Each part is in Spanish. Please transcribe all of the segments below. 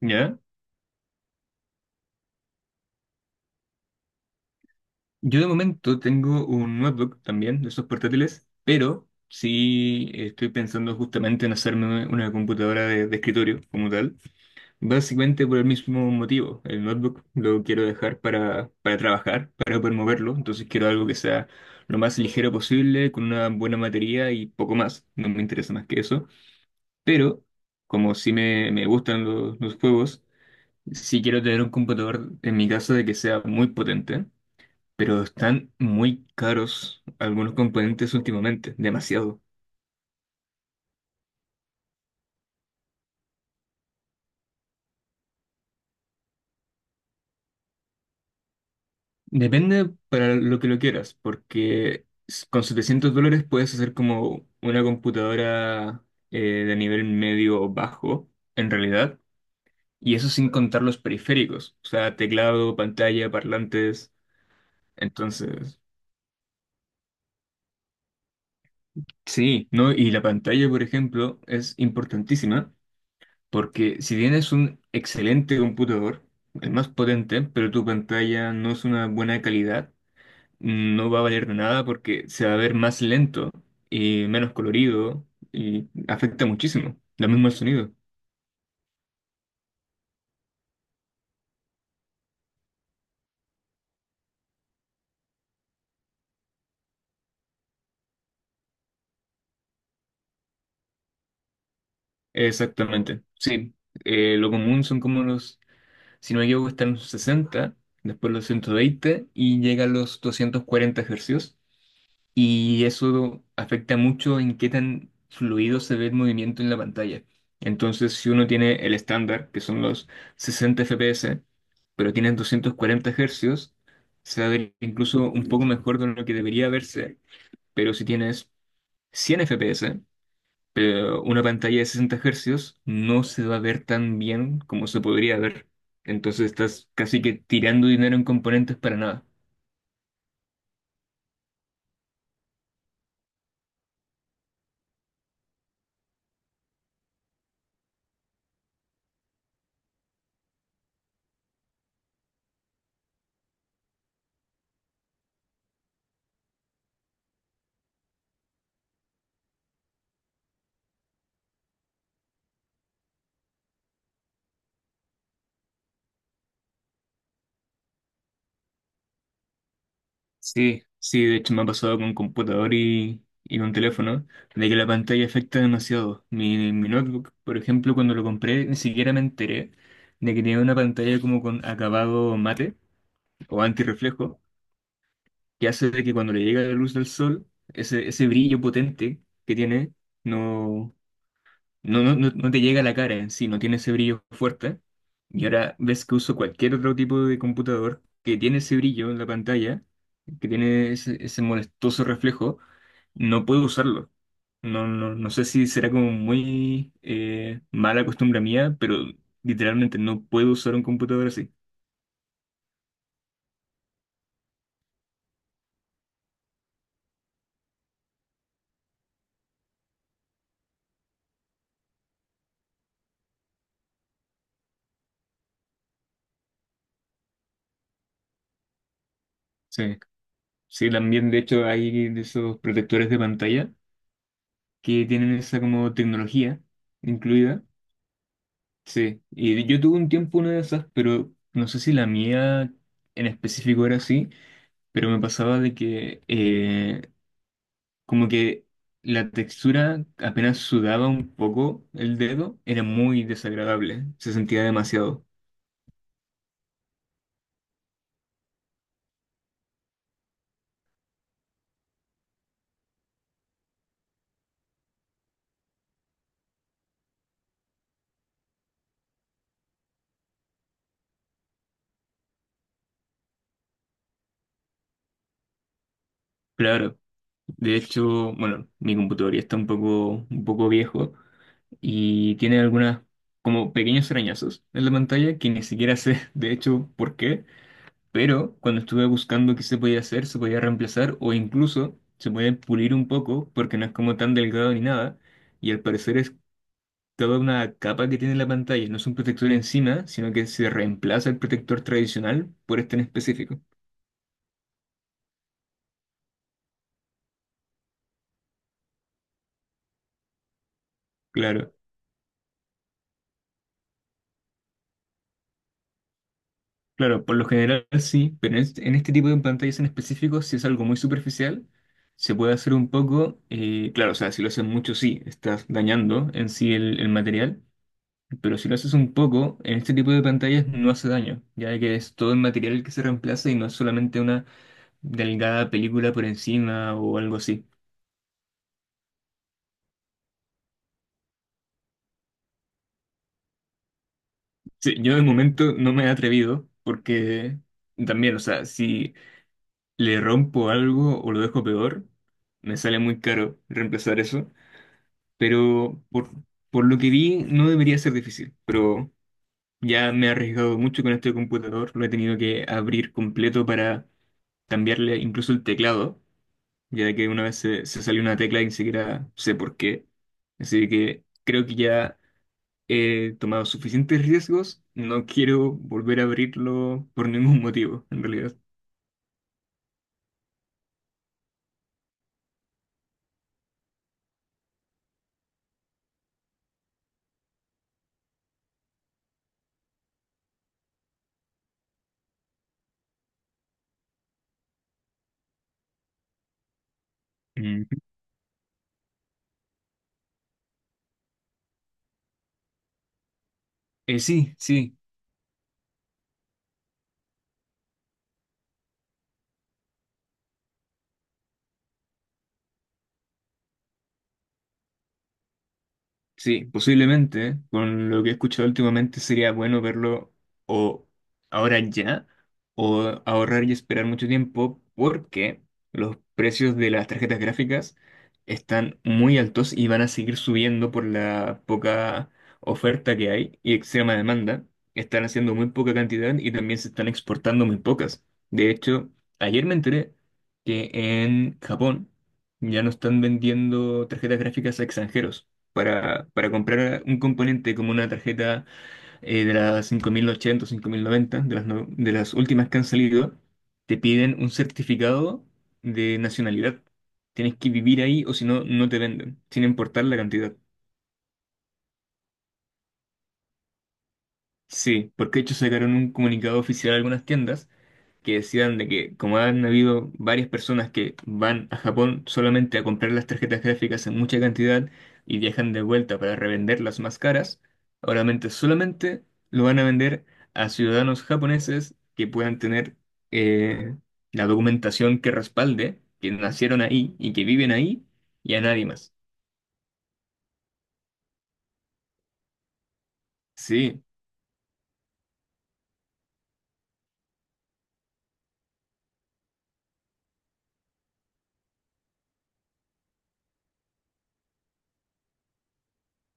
¿Ya? Yo de momento tengo un notebook también, de esos portátiles, pero sí estoy pensando justamente en hacerme una computadora de escritorio como tal. Básicamente por el mismo motivo. El notebook lo quiero dejar para trabajar, para poder moverlo. Entonces quiero algo que sea lo más ligero posible, con una buena batería y poco más. No me interesa más que eso. Pero como sí me gustan los juegos, sí quiero tener un computador en mi casa de que sea muy potente, pero están muy caros algunos componentes últimamente, demasiado. Depende para lo que lo quieras, porque con $700 puedes hacer como una computadora de nivel medio o bajo, en realidad, y eso sin contar los periféricos, o sea, teclado, pantalla, parlantes, entonces, sí, ¿no? Y la pantalla, por ejemplo, es importantísima. Porque si tienes un excelente computador, el más potente, pero tu pantalla no es una buena calidad, no va a valer de nada porque se va a ver más lento y menos colorido, y afecta muchísimo. Lo mismo el sonido. Exactamente. Sí. Lo común son como los, si no me equivoco, están los sesenta, después los 120 y llega a los 240 hercios. Y eso afecta mucho en qué tan fluido se ve el movimiento en la pantalla. Entonces, si uno tiene el estándar, que son los 60 FPS, pero tienen 240 hercios, se va a ver incluso un poco mejor de lo que debería verse, pero si tienes 100 FPS pero una pantalla de 60 hercios, no se va a ver tan bien como se podría ver. Entonces estás casi que tirando dinero en componentes para nada. Sí, sí, de hecho me ha pasado con computador y con teléfono, de que la pantalla afecta demasiado. Mi notebook, por ejemplo, cuando lo compré, ni siquiera me enteré de que tenía una pantalla como con acabado mate o antirreflejo, que hace de que cuando le llega la luz del sol, ese brillo potente que tiene, no, no, no, no, no te llega a la cara en sí, no tiene ese brillo fuerte. Y ahora ves que uso cualquier otro tipo de computador que tiene ese brillo en la pantalla, que tiene ese molestoso reflejo, no puedo usarlo. No, no, no sé si será como muy mala costumbre mía, pero literalmente no puedo usar un computador así. Sí. Sí, también de hecho hay de esos protectores de pantalla que tienen esa como tecnología incluida. Sí, y yo tuve un tiempo una de esas, pero no sé si la mía en específico era así, pero me pasaba de que como que la textura, apenas sudaba un poco el dedo, era muy desagradable, se sentía demasiado. Claro, de hecho, bueno, mi computador ya está un poco viejo y tiene algunas como pequeños arañazos en la pantalla que ni siquiera sé de hecho por qué. Pero cuando estuve buscando qué se podía hacer, se podía reemplazar o incluso se puede pulir un poco porque no es como tan delgado ni nada. Y al parecer es toda una capa que tiene la pantalla, no es un protector encima, sino que se reemplaza el protector tradicional por este en específico. Claro, claro, por lo general sí, pero en este tipo de pantallas en específico, si es algo muy superficial, se puede hacer un poco, claro, o sea, si lo hacen mucho sí, estás dañando en sí el material. Pero si lo haces un poco, en este tipo de pantallas no hace daño, ya que es todo el material que se reemplaza y no es solamente una delgada película por encima o algo así. Sí, yo de momento no me he atrevido porque también, o sea, si le rompo algo o lo dejo peor, me sale muy caro reemplazar eso, pero por lo que vi no debería ser difícil, pero ya me he arriesgado mucho con este computador, lo he tenido que abrir completo para cambiarle incluso el teclado, ya que una vez se salió una tecla y ni siquiera sé por qué. Así que creo que ya he tomado suficientes riesgos, no quiero volver a abrirlo por ningún motivo, en realidad. Mm. Sí, sí. Sí, posiblemente, con lo que he escuchado últimamente, sería bueno verlo o ahora ya, o ahorrar y esperar mucho tiempo, porque los precios de las tarjetas gráficas están muy altos y van a seguir subiendo por la poca oferta que hay y extrema demanda. Están haciendo muy poca cantidad y también se están exportando muy pocas. De hecho, ayer me enteré que en Japón ya no están vendiendo tarjetas gráficas a extranjeros. Para, comprar un componente como una tarjeta de las 5080 o 5090, de las últimas que han salido, te piden un certificado de nacionalidad. Tienes que vivir ahí, o si no, no te venden, sin importar la cantidad. Sí, porque de hecho sacaron un comunicado oficial a algunas tiendas que decidan de que como han habido varias personas que van a Japón solamente a comprar las tarjetas gráficas en mucha cantidad y viajan de vuelta para revenderlas más caras, solamente lo van a vender a ciudadanos japoneses que puedan tener eh, la documentación que respalde que nacieron ahí y que viven ahí, y a nadie más. Sí,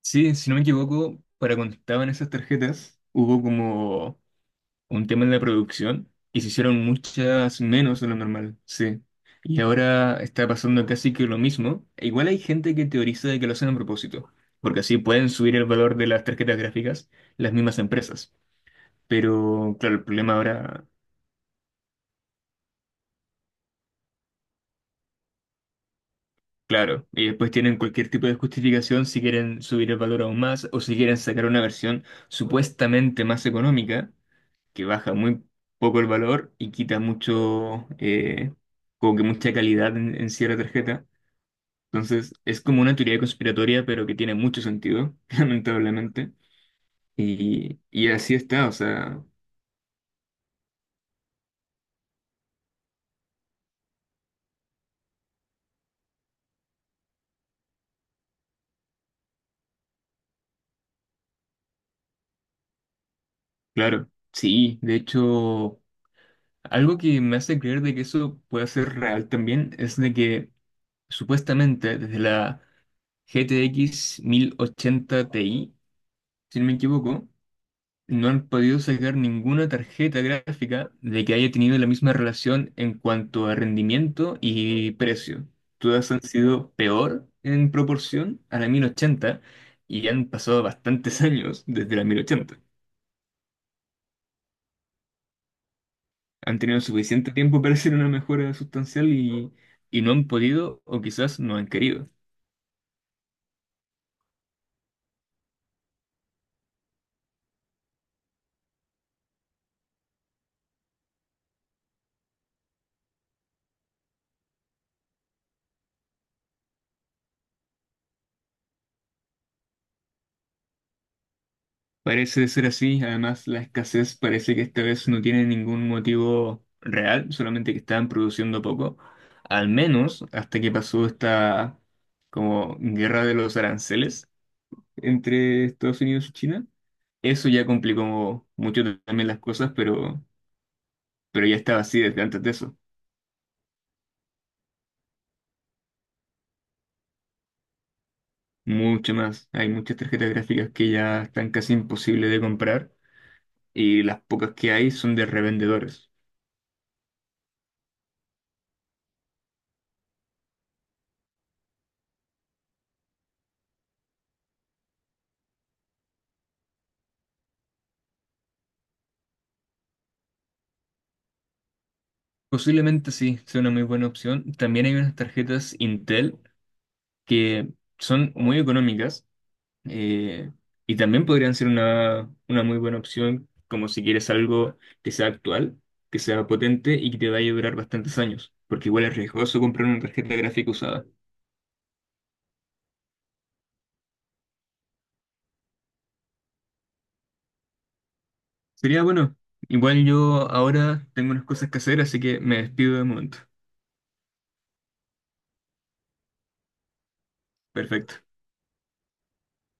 sí, si no me equivoco, para cuando estaban esas tarjetas hubo como un tema en la producción y se hicieron muchas menos de lo normal, sí. Y ahora está pasando casi que lo mismo. E igual hay gente que teoriza de que lo hacen a propósito, porque así pueden subir el valor de las tarjetas gráficas las mismas empresas. Pero claro, el problema ahora, claro, y después tienen cualquier tipo de justificación si quieren subir el valor aún más o si quieren sacar una versión supuestamente más económica, que baja muy poco el valor y quita mucho, como que mucha calidad en cierta tarjeta. Entonces, es como una teoría conspiratoria, pero que tiene mucho sentido, lamentablemente. Y así está, o sea, claro, sí. De hecho, algo que me hace creer de que eso puede ser real también es de que supuestamente desde la GTX 80 Ti, si no me equivoco, no han podido sacar ninguna tarjeta gráfica de que haya tenido la misma relación en cuanto a rendimiento y precio. Todas han sido peor en proporción a la 1080, y han pasado bastantes años desde la 1080. Han tenido suficiente tiempo para hacer una mejora sustancial y no han podido o quizás no han querido. Parece ser así, además la escasez parece que esta vez no tiene ningún motivo real, solamente que estaban produciendo poco, al menos hasta que pasó esta como guerra de los aranceles entre Estados Unidos y China. Eso ya complicó mucho también las cosas, pero ya estaba así desde antes de eso, mucho más. Hay muchas tarjetas gráficas que ya están casi imposibles de comprar y las pocas que hay son de revendedores. Posiblemente sí, sea una muy buena opción. También hay unas tarjetas Intel que son muy económicas, eh, y también podrían ser una muy buena opción, como si quieres algo que sea actual, que sea potente y que te vaya a durar bastantes años, porque igual es riesgoso comprar una tarjeta gráfica usada. Sería bueno. Igual yo ahora tengo unas cosas que hacer, así que me despido de momento. Perfecto.